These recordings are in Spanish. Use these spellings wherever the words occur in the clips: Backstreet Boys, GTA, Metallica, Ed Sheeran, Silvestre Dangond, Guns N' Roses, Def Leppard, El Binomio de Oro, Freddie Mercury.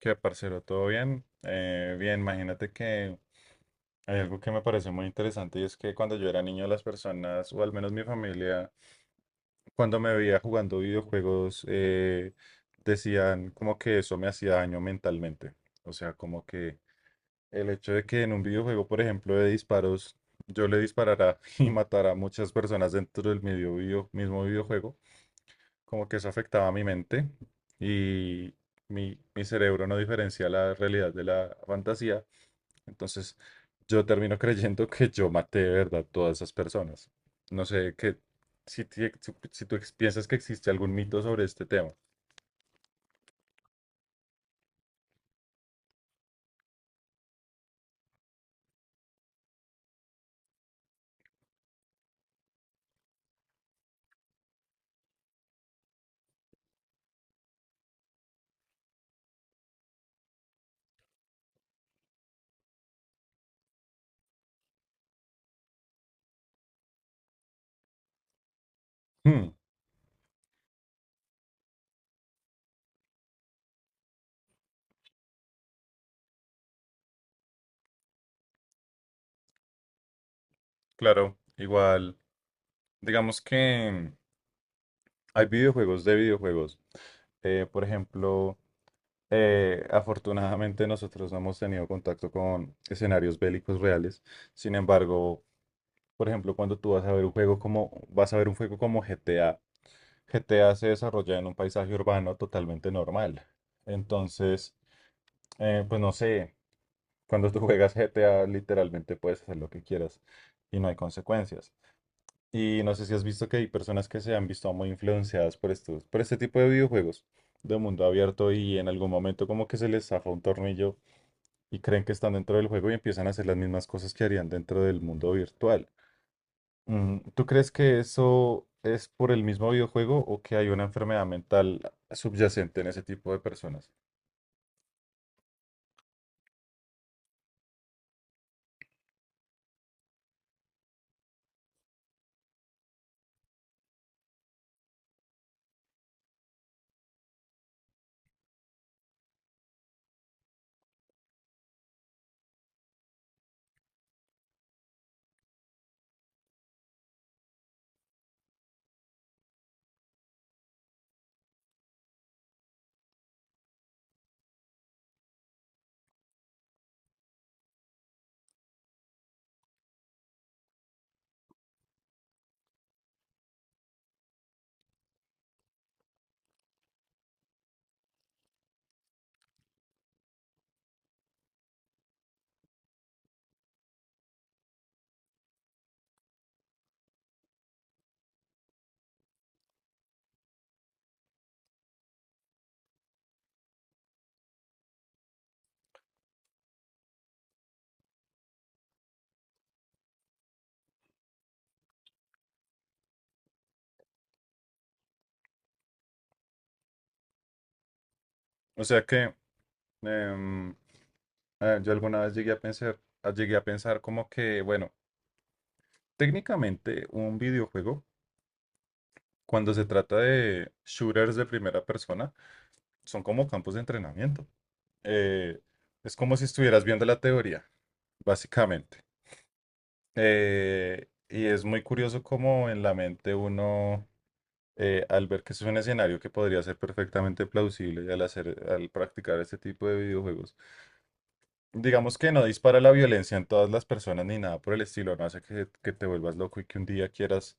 ¿Qué, parcero? ¿Todo bien? Bien, imagínate que hay algo que me pareció muy interesante, y es que cuando yo era niño las personas, o al menos mi familia, cuando me veía jugando videojuegos, decían como que eso me hacía daño mentalmente. O sea, como que el hecho de que en un videojuego, por ejemplo, de disparos, yo le disparara y matara a muchas personas dentro del mismo videojuego, como que eso afectaba a mi mente y mi cerebro no diferencia la realidad de la fantasía. Entonces, yo termino creyendo que yo maté de verdad todas esas personas. No sé qué, si tú piensas que existe algún mito sobre este tema. Hmm, claro, igual, digamos que hay videojuegos de videojuegos. Por ejemplo, afortunadamente nosotros no hemos tenido contacto con escenarios bélicos reales. Sin embargo, por ejemplo, cuando tú vas a ver un juego como GTA. GTA se desarrolla en un paisaje urbano totalmente normal. Entonces, pues no sé, cuando tú juegas GTA literalmente puedes hacer lo que quieras y no hay consecuencias. Y no sé si has visto que hay personas que se han visto muy influenciadas por por este tipo de videojuegos de mundo abierto, y en algún momento como que se les zafa un tornillo y creen que están dentro del juego y empiezan a hacer las mismas cosas que harían dentro del mundo virtual. Mm, ¿tú crees que eso es por el mismo videojuego o que hay una enfermedad mental subyacente en ese tipo de personas? O sea que em, yo alguna vez llegué a pensar, llegué a pensar como que, bueno, técnicamente un videojuego, cuando se trata de shooters de primera persona, son como campos de entrenamiento. Eh, es como si estuvieras viendo la teoría, básicamente. Y es muy curioso cómo en la mente uno, al ver que es un escenario que podría ser perfectamente plausible y al practicar este tipo de videojuegos, digamos que no dispara la violencia en todas las personas ni nada por el estilo, no hace que te vuelvas loco y que un día quieras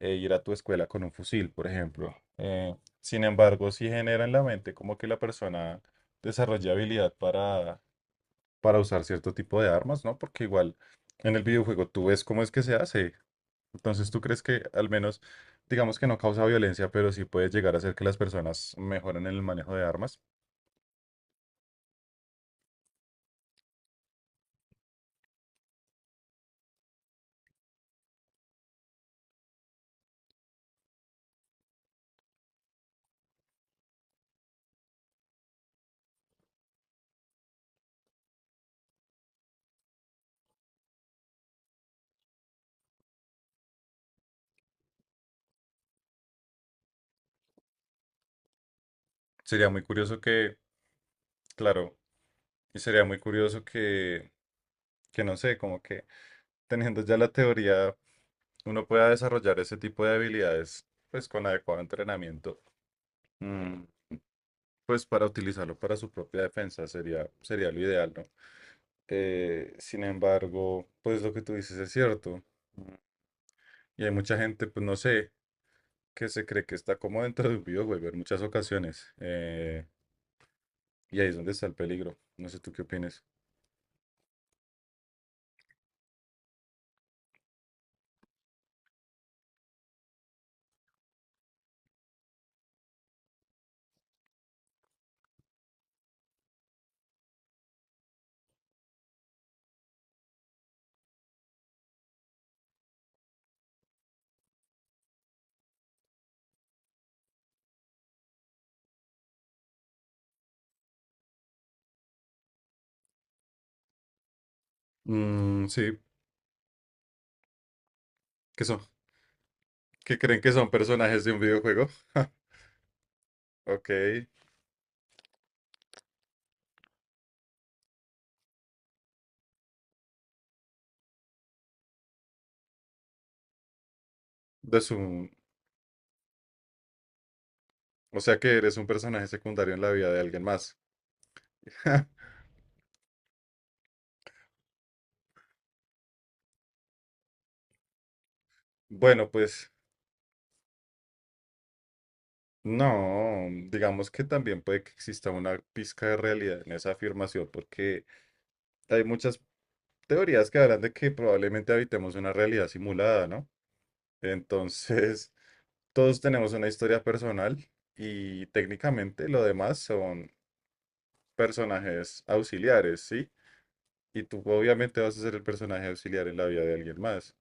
ir a tu escuela con un fusil, por ejemplo. Sin embargo, sí genera en la mente como que la persona desarrolla habilidad para usar cierto tipo de armas, ¿no? Porque igual en el videojuego tú ves cómo es que se hace. Entonces, ¿tú crees que al menos, digamos que no causa violencia, pero sí puede llegar a hacer que las personas mejoren en el manejo de armas? Sería muy curioso que, claro, y sería muy curioso que no sé, como que teniendo ya la teoría, uno pueda desarrollar ese tipo de habilidades, pues con adecuado entrenamiento, mm, pues para utilizarlo para su propia defensa, sería, sería lo ideal, ¿no? Sin embargo, pues lo que tú dices es cierto. Y hay mucha gente, pues no sé, que se cree que está como dentro de un videojuego en muchas ocasiones. Y ahí es donde está el peligro. No sé tú qué opinas. Mm, sí, ¿qué son? ¿Qué creen que son personajes de un videojuego? Ja, ok. De su... O sea que eres un personaje secundario en la vida de alguien más. Bueno, pues no, digamos que también puede que exista una pizca de realidad en esa afirmación, porque hay muchas teorías que hablan de que probablemente habitemos una realidad simulada, ¿no? Entonces, todos tenemos una historia personal y técnicamente lo demás son personajes auxiliares, ¿sí? Y tú obviamente vas a ser el personaje auxiliar en la vida de alguien más.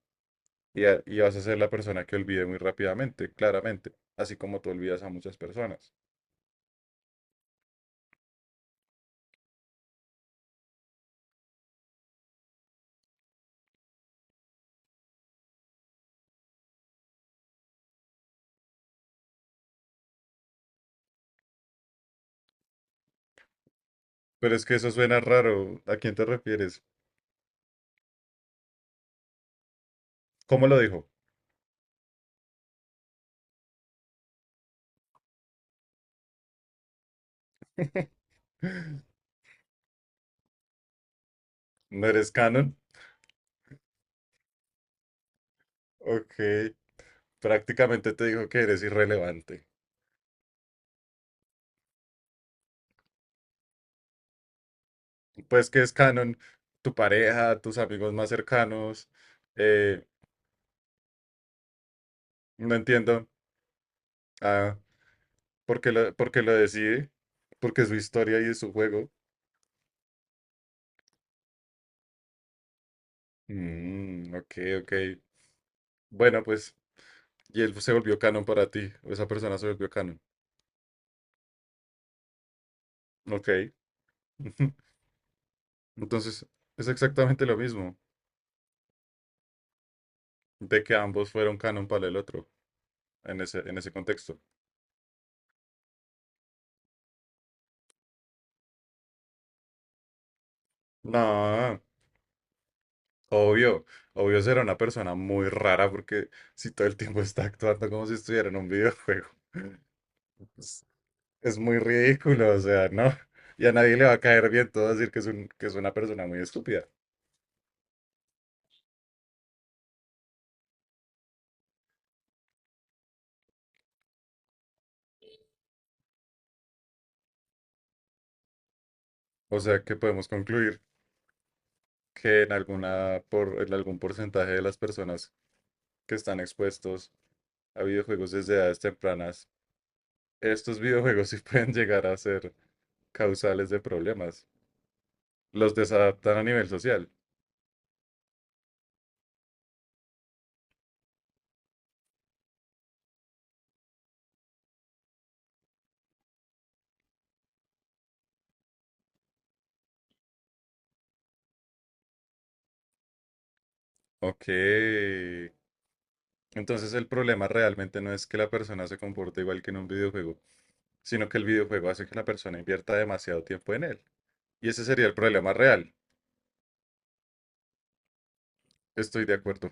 Y vas a ser la persona que olvide muy rápidamente, claramente, así como tú olvidas a muchas personas. Pero es que eso suena raro. ¿A quién te refieres? ¿Cómo lo dijo? ¿No eres canon? Ok, prácticamente te dijo que eres irrelevante. Pues que es canon tu pareja, tus amigos más cercanos, eh, no entiendo. Ah, ¿por qué por qué lo decide? Porque es su historia y es su juego. Mm, ok, ok. Bueno, pues, y él se volvió canon para ti. O esa persona se volvió canon. Ok. Entonces, es exactamente lo mismo, de que ambos fueron canon para el otro en ese contexto. No, obvio. Obvio será una persona muy rara, porque si todo el tiempo está actuando como si estuviera en un videojuego. Es muy ridículo, o sea, ¿no? Y a nadie le va a caer bien todo decir que es que es una persona muy estúpida. O sea, que podemos concluir que en en algún porcentaje de las personas que están expuestos a videojuegos desde edades tempranas, estos videojuegos sí pueden llegar a ser causales de problemas. Los desadaptan a nivel social. Ok. Entonces el problema realmente no es que la persona se comporte igual que en un videojuego, sino que el videojuego hace que la persona invierta demasiado tiempo en él. Y ese sería el problema real. Estoy de acuerdo.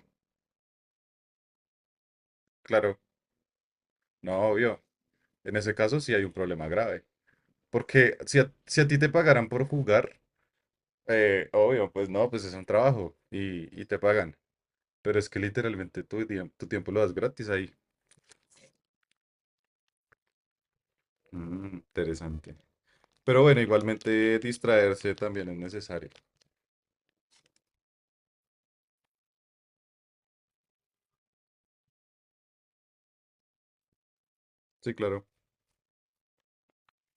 Claro, no, obvio. En ese caso sí hay un problema grave. Porque si si a ti te pagaran por jugar, obvio, pues no, pues es un trabajo y te pagan. Pero es que literalmente tu tiempo lo das gratis ahí. Mm, interesante. Pero bueno, igualmente distraerse también es necesario. Sí, claro.